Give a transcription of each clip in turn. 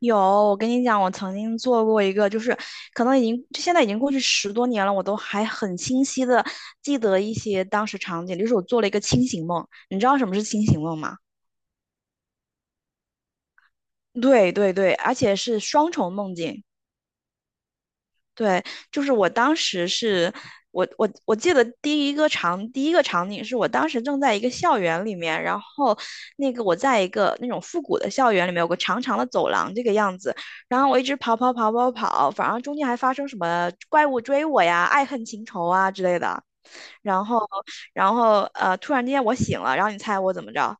有，我跟你讲，我曾经做过一个，就是可能已经就现在已经过去10多年了，我都还很清晰的记得一些当时场景，就是我做了一个清醒梦。你知道什么是清醒梦吗？对对对，而且是双重梦境。对，就是我当时是我记得第一个场景是我当时正在一个校园里面，然后那个我在一个那种复古的校园里面有个长长的走廊这个样子，然后我一直跑跑跑跑跑，反正中间还发生什么怪物追我呀、爱恨情仇啊之类的，然后然后突然之间我醒了，然后你猜我怎么着？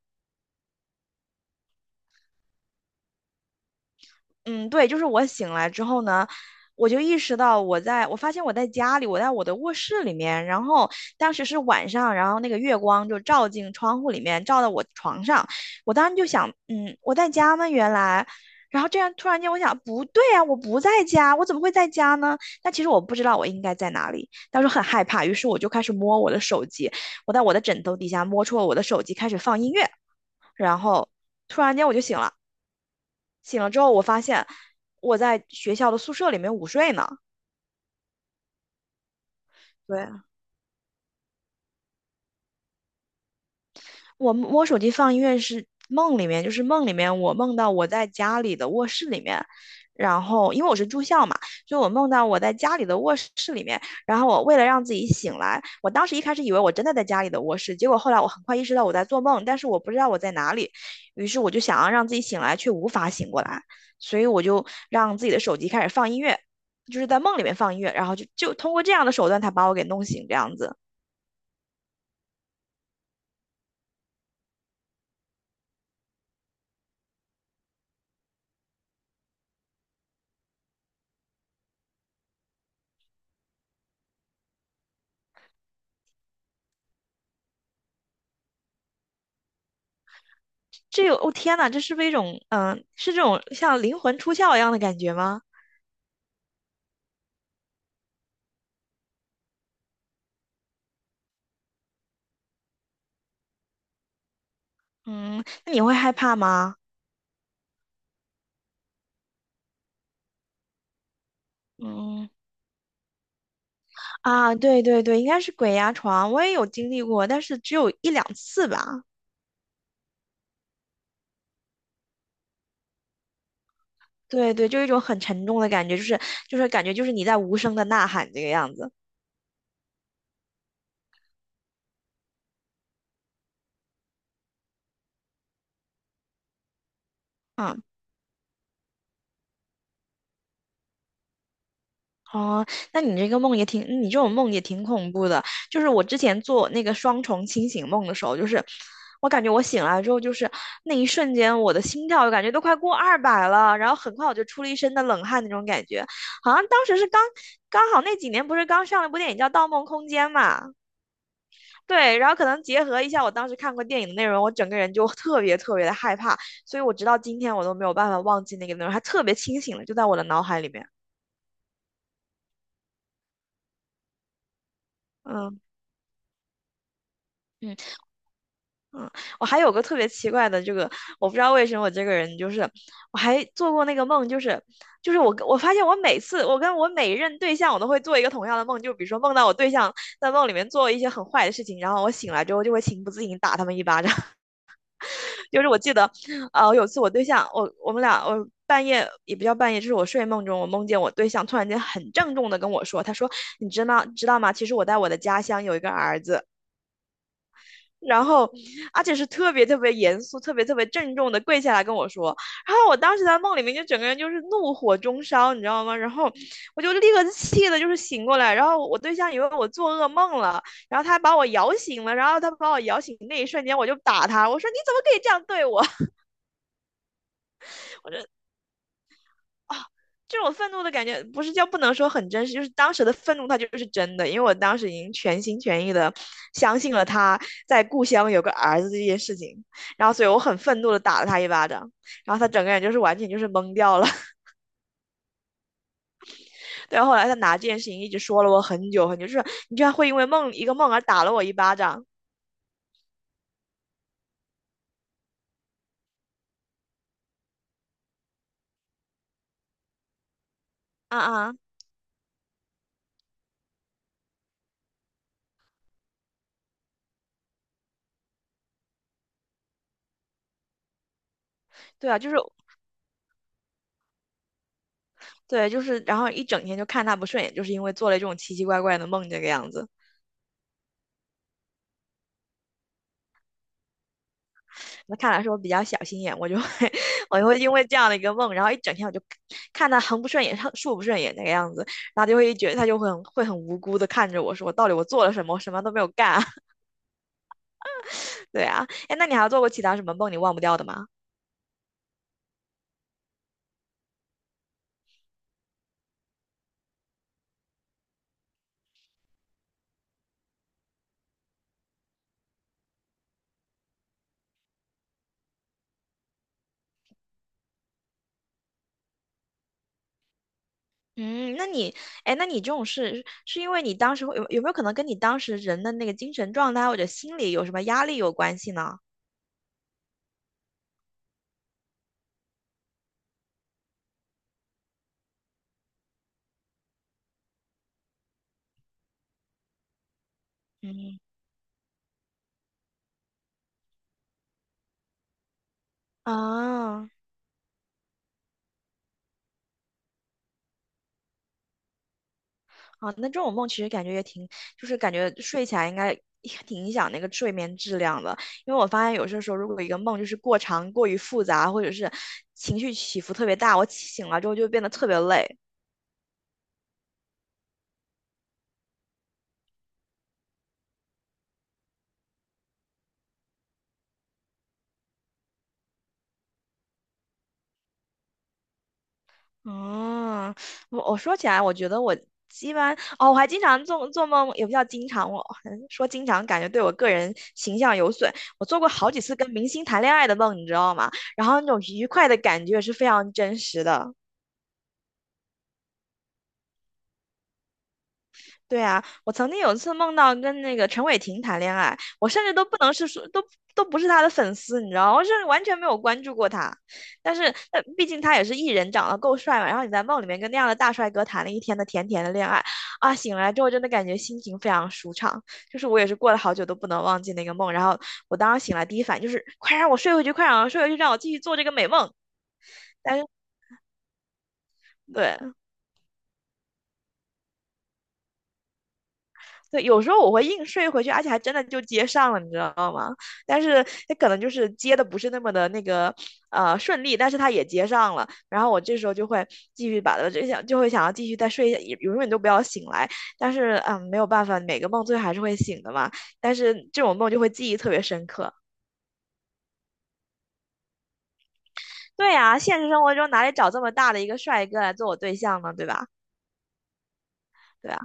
嗯，对，就是我醒来之后呢，我就意识到我在，我发现我在家里，我在我的卧室里面，然后当时是晚上，然后那个月光就照进窗户里面，照到我床上，我当时就想，嗯，我在家吗？原来，然后这样突然间我想，不对啊，我不在家，我怎么会在家呢？但其实我不知道我应该在哪里，当时很害怕，于是我就开始摸我的手机，我在我的枕头底下摸出了我的手机，开始放音乐，然后突然间我就醒了。醒了之后，我发现我在学校的宿舍里面午睡呢。对，我手机放音乐是梦里面，就是梦里面我梦到我在家里的卧室里面，然后因为我是住校嘛，所以我梦到我在家里的卧室里面，然后我为了让自己醒来，我当时一开始以为我真的在家里的卧室，结果后来我很快意识到我在做梦，但是我不知道我在哪里，于是我就想要让自己醒来，却无法醒过来，所以我就让自己的手机开始放音乐，就是在梦里面放音乐，然后就通过这样的手段才把我给弄醒这样子。这有，哦天呐，这是不是一种，这种像灵魂出窍一样的感觉吗？嗯，那你会害怕吗？嗯，啊，对对对，应该是鬼压床，我也有经历过，但是只有一两次吧。对对，就一种很沉重的感觉，就是感觉就是你在无声的呐喊这个样子。嗯，哦，那你这个梦也挺，你这种梦也挺恐怖的。就是我之前做那个双重清醒梦的时候，就是我感觉我醒来之后，就是那一瞬间，我的心跳感觉都快过200了，然后很快我就出了一身的冷汗那种感觉，好像当时是刚刚好那几年不是刚上了一部电影叫《盗梦空间》嘛，对，然后可能结合一下我当时看过电影的内容，我整个人就特别特别的害怕，所以我直到今天我都没有办法忘记那个内容，还特别清醒了，就在我的脑海里面，嗯。嗯，我还有个特别奇怪的这个，我不知道为什么我这个人就是，我还做过那个梦，就是我发现我每次我跟我每一任对象，我都会做一个同样的梦，就比如说梦到我对象在梦里面做一些很坏的事情，然后我醒来之后就会情不自禁打他们一巴掌。就是我记得，有次我对象，我我们俩我。半夜也不叫半夜，就是我睡梦中，我梦见我对象突然间很郑重的跟我说，他说："你知道吗？其实我在我的家乡有一个儿子。"然后，而且是特别特别严肃、特别特别郑重的跪下来跟我说。然后我当时在梦里面就整个人就是怒火中烧，你知道吗？然后我就立刻气的就是醒过来。然后我对象以为我做噩梦了，然后他把我摇醒了。然后他把我摇醒那一瞬间，我就打他，我说你怎么可以这样对我？我说啊，这种愤怒的感觉不是叫不能说很真实，就是当时的愤怒它就是真的，因为我当时已经全心全意的相信了他在故乡有个儿子这件事情，然后所以我很愤怒的打了他一巴掌，然后他整个人就是完全就是懵掉了。对，后来他拿这件事情一直说了我很久很久，就是你居然会因为梦一个梦而打了我一巴掌。啊啊，对啊，就是对，就是，然后一整天就看他不顺眼，就是因为做了这种奇奇怪怪的梦这个样子。那看来是我比较小心眼，我就会 我就会因为这样的一个梦，然后一整天我就看他横不顺眼，竖不顺眼那个样子，然后就会觉得他就会很会很无辜的看着我说，到底我做了什么？我什么都没有干啊。对啊，哎，那你还做过其他什么梦你忘不掉的吗？嗯，那你，哎，那你这种事是因为你当时会有没有可能跟你当时人的那个精神状态或者心理有什么压力有关系呢？嗯啊。啊，那这种梦其实感觉也挺，就是感觉睡起来应该也挺影响那个睡眠质量的。因为我发现有些时候，如果一个梦就是过长、过于复杂，或者是情绪起伏特别大，我起醒了之后就变得特别累。嗯，我说起来，我觉得我一般哦，我还经常做做梦，也不叫经常，我说经常感觉对我个人形象有损。我做过好几次跟明星谈恋爱的梦，你知道吗？然后那种愉快的感觉是非常真实的。对啊，我曾经有一次梦到跟那个陈伟霆谈恋爱，我甚至都不能是说，都不是他的粉丝，你知道吗，我甚至完全没有关注过他。但是，毕竟他也是艺人，长得够帅嘛。然后你在梦里面跟那样的大帅哥谈了一天的甜甜的恋爱，啊，醒来之后真的感觉心情非常舒畅。就是我也是过了好久都不能忘记那个梦。然后我当时醒来第一反应就是，快让我睡回去，快让我睡回去，让我继续做这个美梦。但是，对。对，有时候我会硬睡回去，而且还真的就接上了，你知道吗？但是他可能就是接的不是那么的顺利，但是他也接上了。然后我这时候就会继续把它就会想要继续再睡一下，也永远都不要醒来。但是嗯，没有办法，每个梦最后还是会醒的嘛。但是这种梦就会记忆特别深刻。对呀，现实生活中哪里找这么大的一个帅哥来做我对象呢？对吧？对。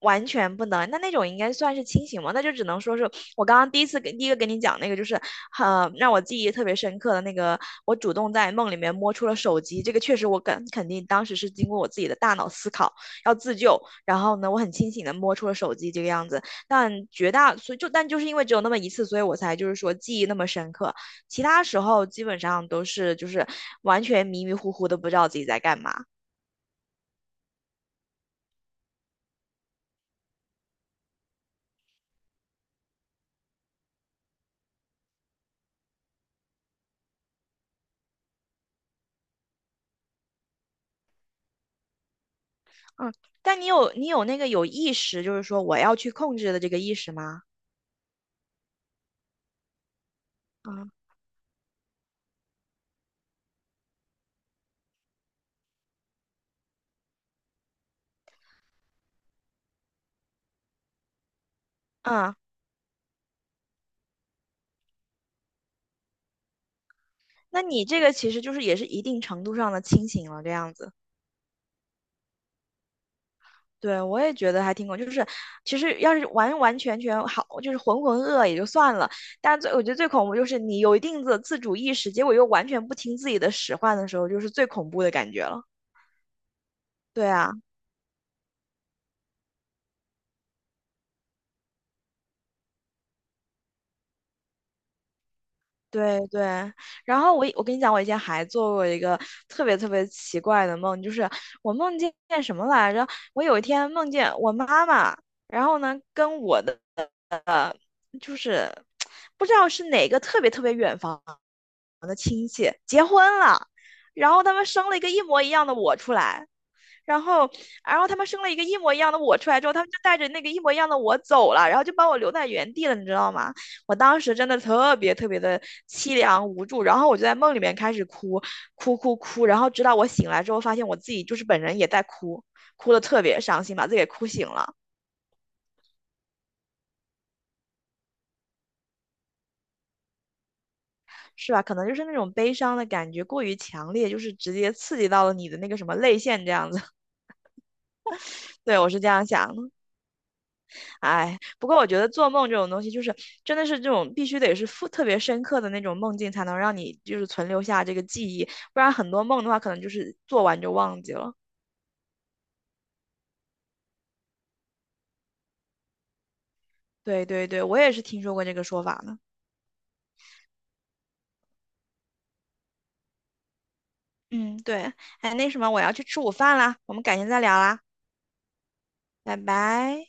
完全不能，那那种应该算是清醒吗？那就只能说是我刚刚第一个跟你讲那个，就是让我记忆特别深刻的那个，我主动在梦里面摸出了手机，这个确实我肯定当时是经过我自己的大脑思考要自救，然后呢我很清醒的摸出了手机这个样子，但绝大所以就但就是因为只有那么一次，所以我才就是说记忆那么深刻，其他时候基本上都是就是完全迷迷糊糊的不知道自己在干嘛。嗯，但你有你有那个有意识，就是说我要去控制的这个意识吗？嗯，嗯，那你这个其实就是也是一定程度上的清醒了，这样子。对，我也觉得还挺恐，就是其实要是完完全全好，就是浑浑噩噩也就算了，但最我觉得最恐怖就是你有一定的自主意识，结果又完全不听自己的使唤的时候，就是最恐怖的感觉了。对啊。对对，然后我跟你讲，我以前还做过一个特别特别奇怪的梦，就是我梦见什么来着？我有一天梦见我妈妈，然后呢跟我的呃就是不知道是哪个特别特别远房的亲戚结婚了，然后他们生了一个一模一样的我出来。然后，然后，他们生了一个一模一样的我出来之后，他们就带着那个一模一样的我走了，然后就把我留在原地了，你知道吗？我当时真的特别特别的凄凉无助，然后我就在梦里面开始哭，哭哭哭，然后直到我醒来之后，发现我自己就是本人也在哭，哭的特别伤心，把自己给哭醒了，是吧？可能就是那种悲伤的感觉过于强烈，就是直接刺激到了你的那个什么泪腺这样子。对，我是这样想的。哎，不过我觉得做梦这种东西，就是真的是这种必须得是特别深刻的那种梦境，才能让你就是存留下这个记忆，不然很多梦的话，可能就是做完就忘记了。对对对，我也是听说过这个说法呢。嗯，对，哎，那什么，我要去吃午饭啦，我们改天再聊啦，拜拜。